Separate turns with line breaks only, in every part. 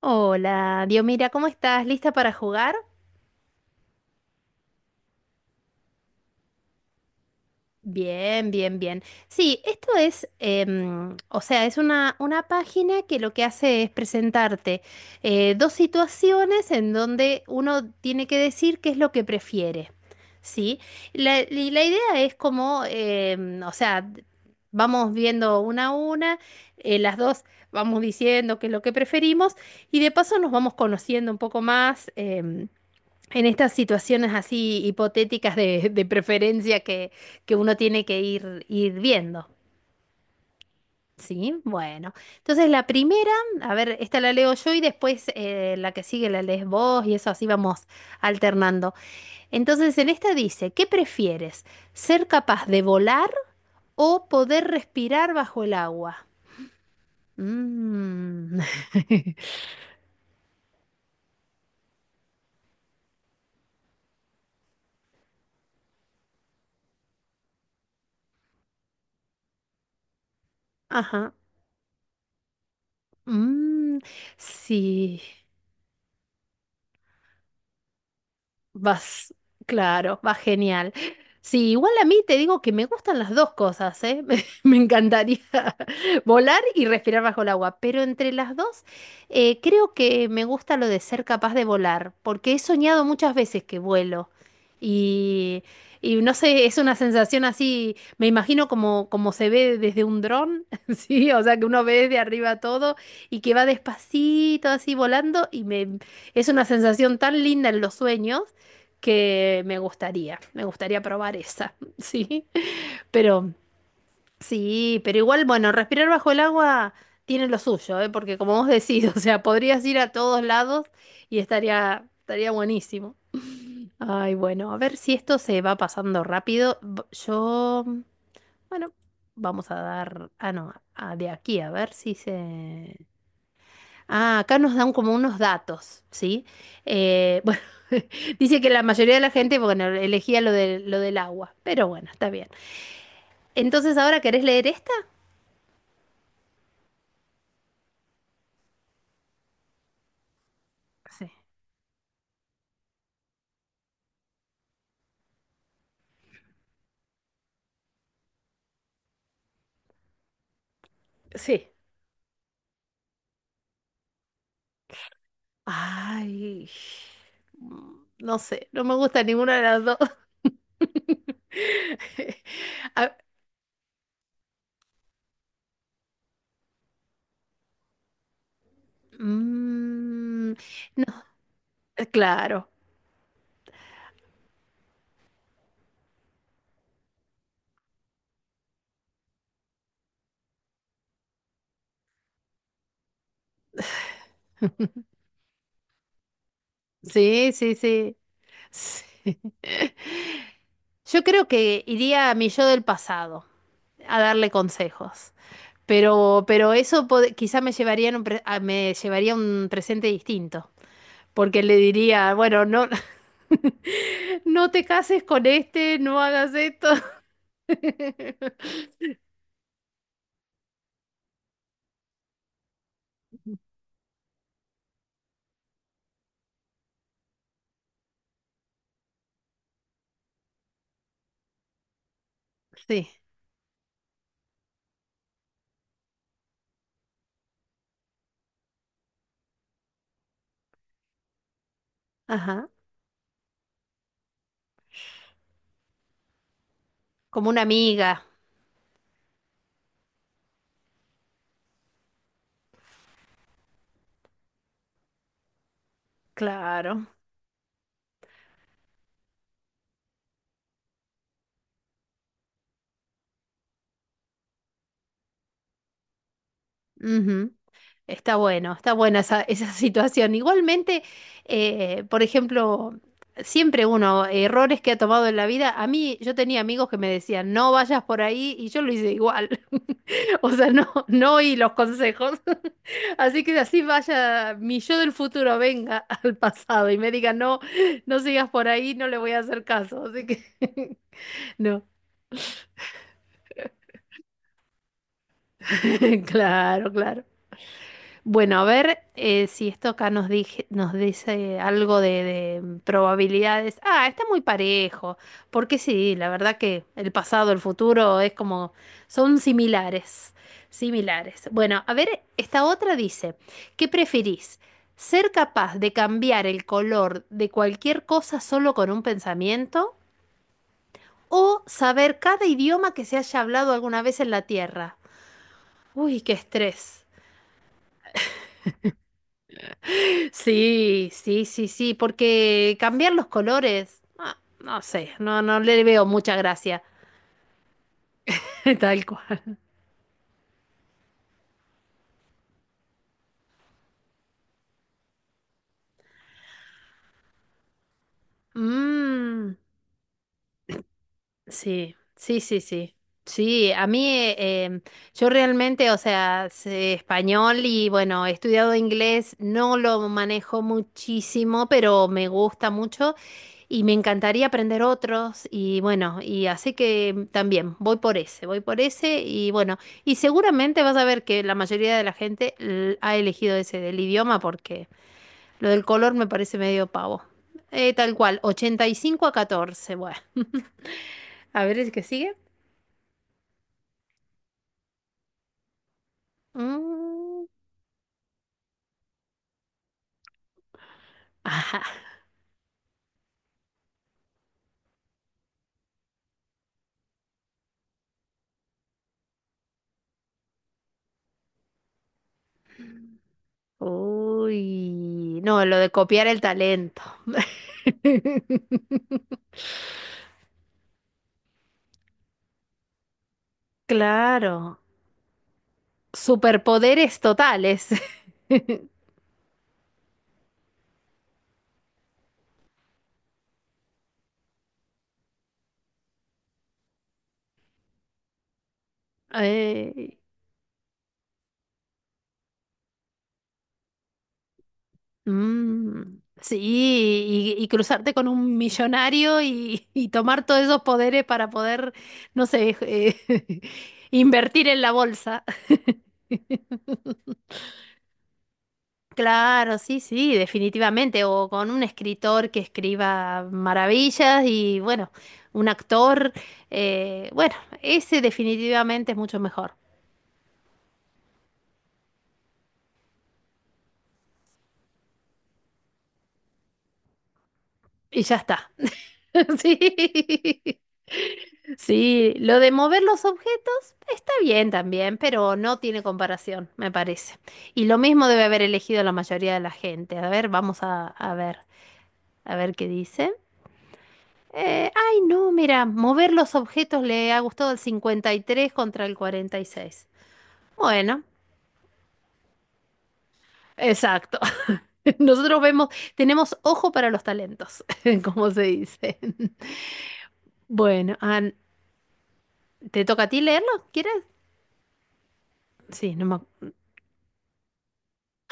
Hola, Diomira, ¿cómo estás? ¿Lista para jugar? Bien, bien, bien. Sí, esto es, o sea, es una página que lo que hace es presentarte dos situaciones en donde uno tiene que decir qué es lo que prefiere, ¿sí? Y la idea es como, o sea, vamos viendo una a una, las dos, vamos diciendo qué es lo que preferimos y de paso nos vamos conociendo un poco más. En estas situaciones así hipotéticas de preferencia que uno tiene que ir, ir viendo. Sí, bueno. Entonces la primera, a ver, esta la leo yo y después la que sigue la lees vos y eso así vamos alternando. Entonces en esta dice, ¿qué prefieres? ¿Ser capaz de volar o poder respirar bajo el agua? Mm. Ajá. Mm, sí. Vas, claro, va genial. Sí, igual a mí te digo que me gustan las dos cosas, ¿eh? Me encantaría volar y respirar bajo el agua, pero entre las dos creo que me gusta lo de ser capaz de volar, porque he soñado muchas veces que vuelo y, y no sé, es una sensación así, me imagino como, como se ve desde un dron, ¿sí? O sea, que uno ve desde arriba todo y que va despacito así volando y es una sensación tan linda en los sueños que me gustaría probar esa, pero sí, pero igual, bueno, respirar bajo el agua tiene lo suyo, ¿eh? Porque como vos decís, o sea, podrías ir a todos lados y estaría, estaría buenísimo. Ay, bueno, a ver si esto se va pasando rápido. Yo, bueno, vamos a dar, ah, no, de aquí, a ver si se... Ah, acá nos dan como unos datos, ¿sí? Bueno, dice que la mayoría de la gente, bueno, elegía lo de, lo del agua, pero bueno, está bien. Entonces, ¿ahora querés leer esta? Sí. Sí. Ay, mm, no sé, no me gusta ninguna de las dos. Ah, mm, claro, sí, sí, sí. Sí. Yo creo que iría a mi yo del pasado a darle consejos. Pero eso quizá me llevaría en un me llevaría un presente distinto, porque le diría, bueno, no, no te cases con este, no hagas esto. Sí, ajá, como una amiga, claro. Ujú. Está bueno, está buena esa, esa situación. Igualmente, por ejemplo, siempre uno, errores que ha tomado en la vida, a mí yo tenía amigos que me decían, no vayas por ahí y yo lo hice igual. O sea, no, no oí los consejos. Así que así vaya, mi yo del futuro venga al pasado y me diga, no, no sigas por ahí, no le voy a hacer caso. Así que, no, claro, claro. Bueno, a ver si esto acá nos dice algo de probabilidades. Ah, está muy parejo, porque sí, la verdad que el pasado, el futuro es como, son similares, similares. Bueno, a ver, esta otra dice, ¿qué preferís? ¿Ser capaz de cambiar el color de cualquier cosa solo con un pensamiento? ¿O saber cada idioma que se haya hablado alguna vez en la Tierra? Uy, qué estrés. Sí, sí, sí, sí, porque cambiar los colores, ah, no sé, no, no le veo mucha gracia, tal cual. Mm, sí, sí, sí, sí. Sí, a mí yo realmente, o sea, sé español y bueno, he estudiado inglés, no lo manejo muchísimo, pero me gusta mucho. Y me encantaría aprender otros y bueno, y así que mm, también voy por ese y bueno, y seguramente vas a ver que la mayoría de la gente ha elegido ese del idioma porque lo del color me parece medio pavo. Tal cual, 85 a 14, bueno. A ver el que sigue. Mm, ajá. Uy, no, lo de copiar el talento. Claro, superpoderes totales. Eh, mm, sí, y cruzarte con un millonario y tomar todos esos poderes para poder, no sé, invertir en la bolsa. Claro, sí, sí, definitivamente. O con un escritor que escriba maravillas y bueno, un actor, bueno, ese definitivamente es mucho mejor. Y ya está. Sí. Sí, lo de mover los objetos está bien también, pero no tiene comparación, me parece. Y lo mismo debe haber elegido la mayoría de la gente. A ver, a ver, a ver qué dice. Ay, no, mira, mover los objetos le ha gustado el 53 contra el 46. Bueno, exacto. Nosotros vemos, tenemos ojo para los talentos, como se dice. Bueno, An, ¿te toca a ti leerlo? ¿Quieres? Sí, no me acuerdo.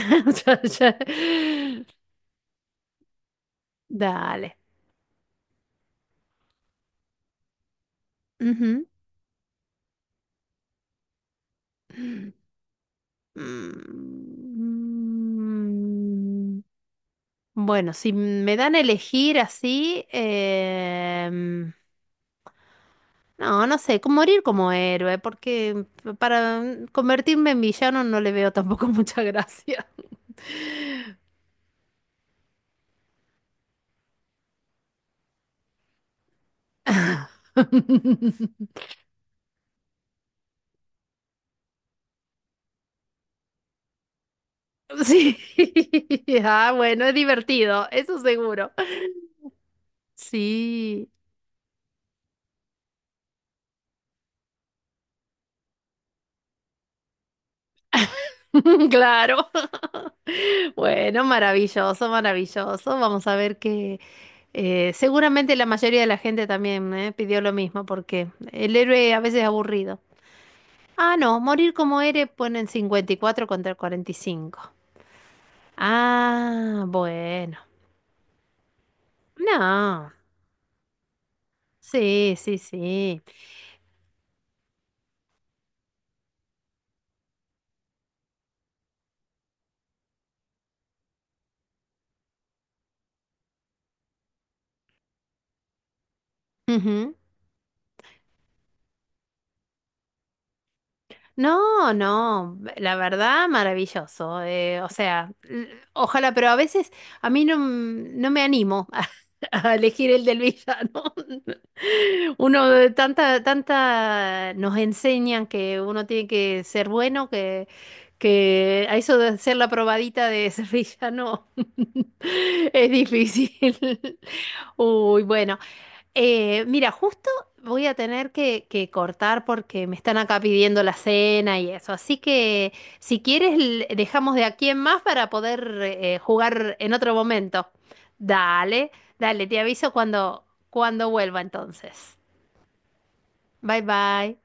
O sea, dale. Ujú. Mm, bueno, si me dan a elegir así, no, no sé, como morir como héroe, porque para mm, convertirme en villano no le veo tampoco mucha gracia. Sí, ah, bueno, es divertido, eso seguro. Sí. Claro. Bueno, maravilloso, maravilloso. Vamos a ver que seguramente la mayoría de la gente también pidió lo mismo, porque el héroe a veces es aburrido. Ah, no, morir como héroe ponen 54 contra 45. Ah, bueno. No. Sí, sí, sí. Ujú. No, no, la verdad, maravilloso. O sea, ojalá, pero a veces a mí no, no me animo a elegir el del villano. Uno de tanta, tanta nos enseñan que uno tiene que ser bueno, que a eso de ser la probadita de ser villano es difícil. Uy, bueno, mira, justo voy a tener que cortar porque me están acá pidiendo la cena y eso. Así que si quieres, dejamos de aquí en más para poder jugar en otro momento. Dale, dale, te aviso cuando, cuando vuelva entonces. Bye bye.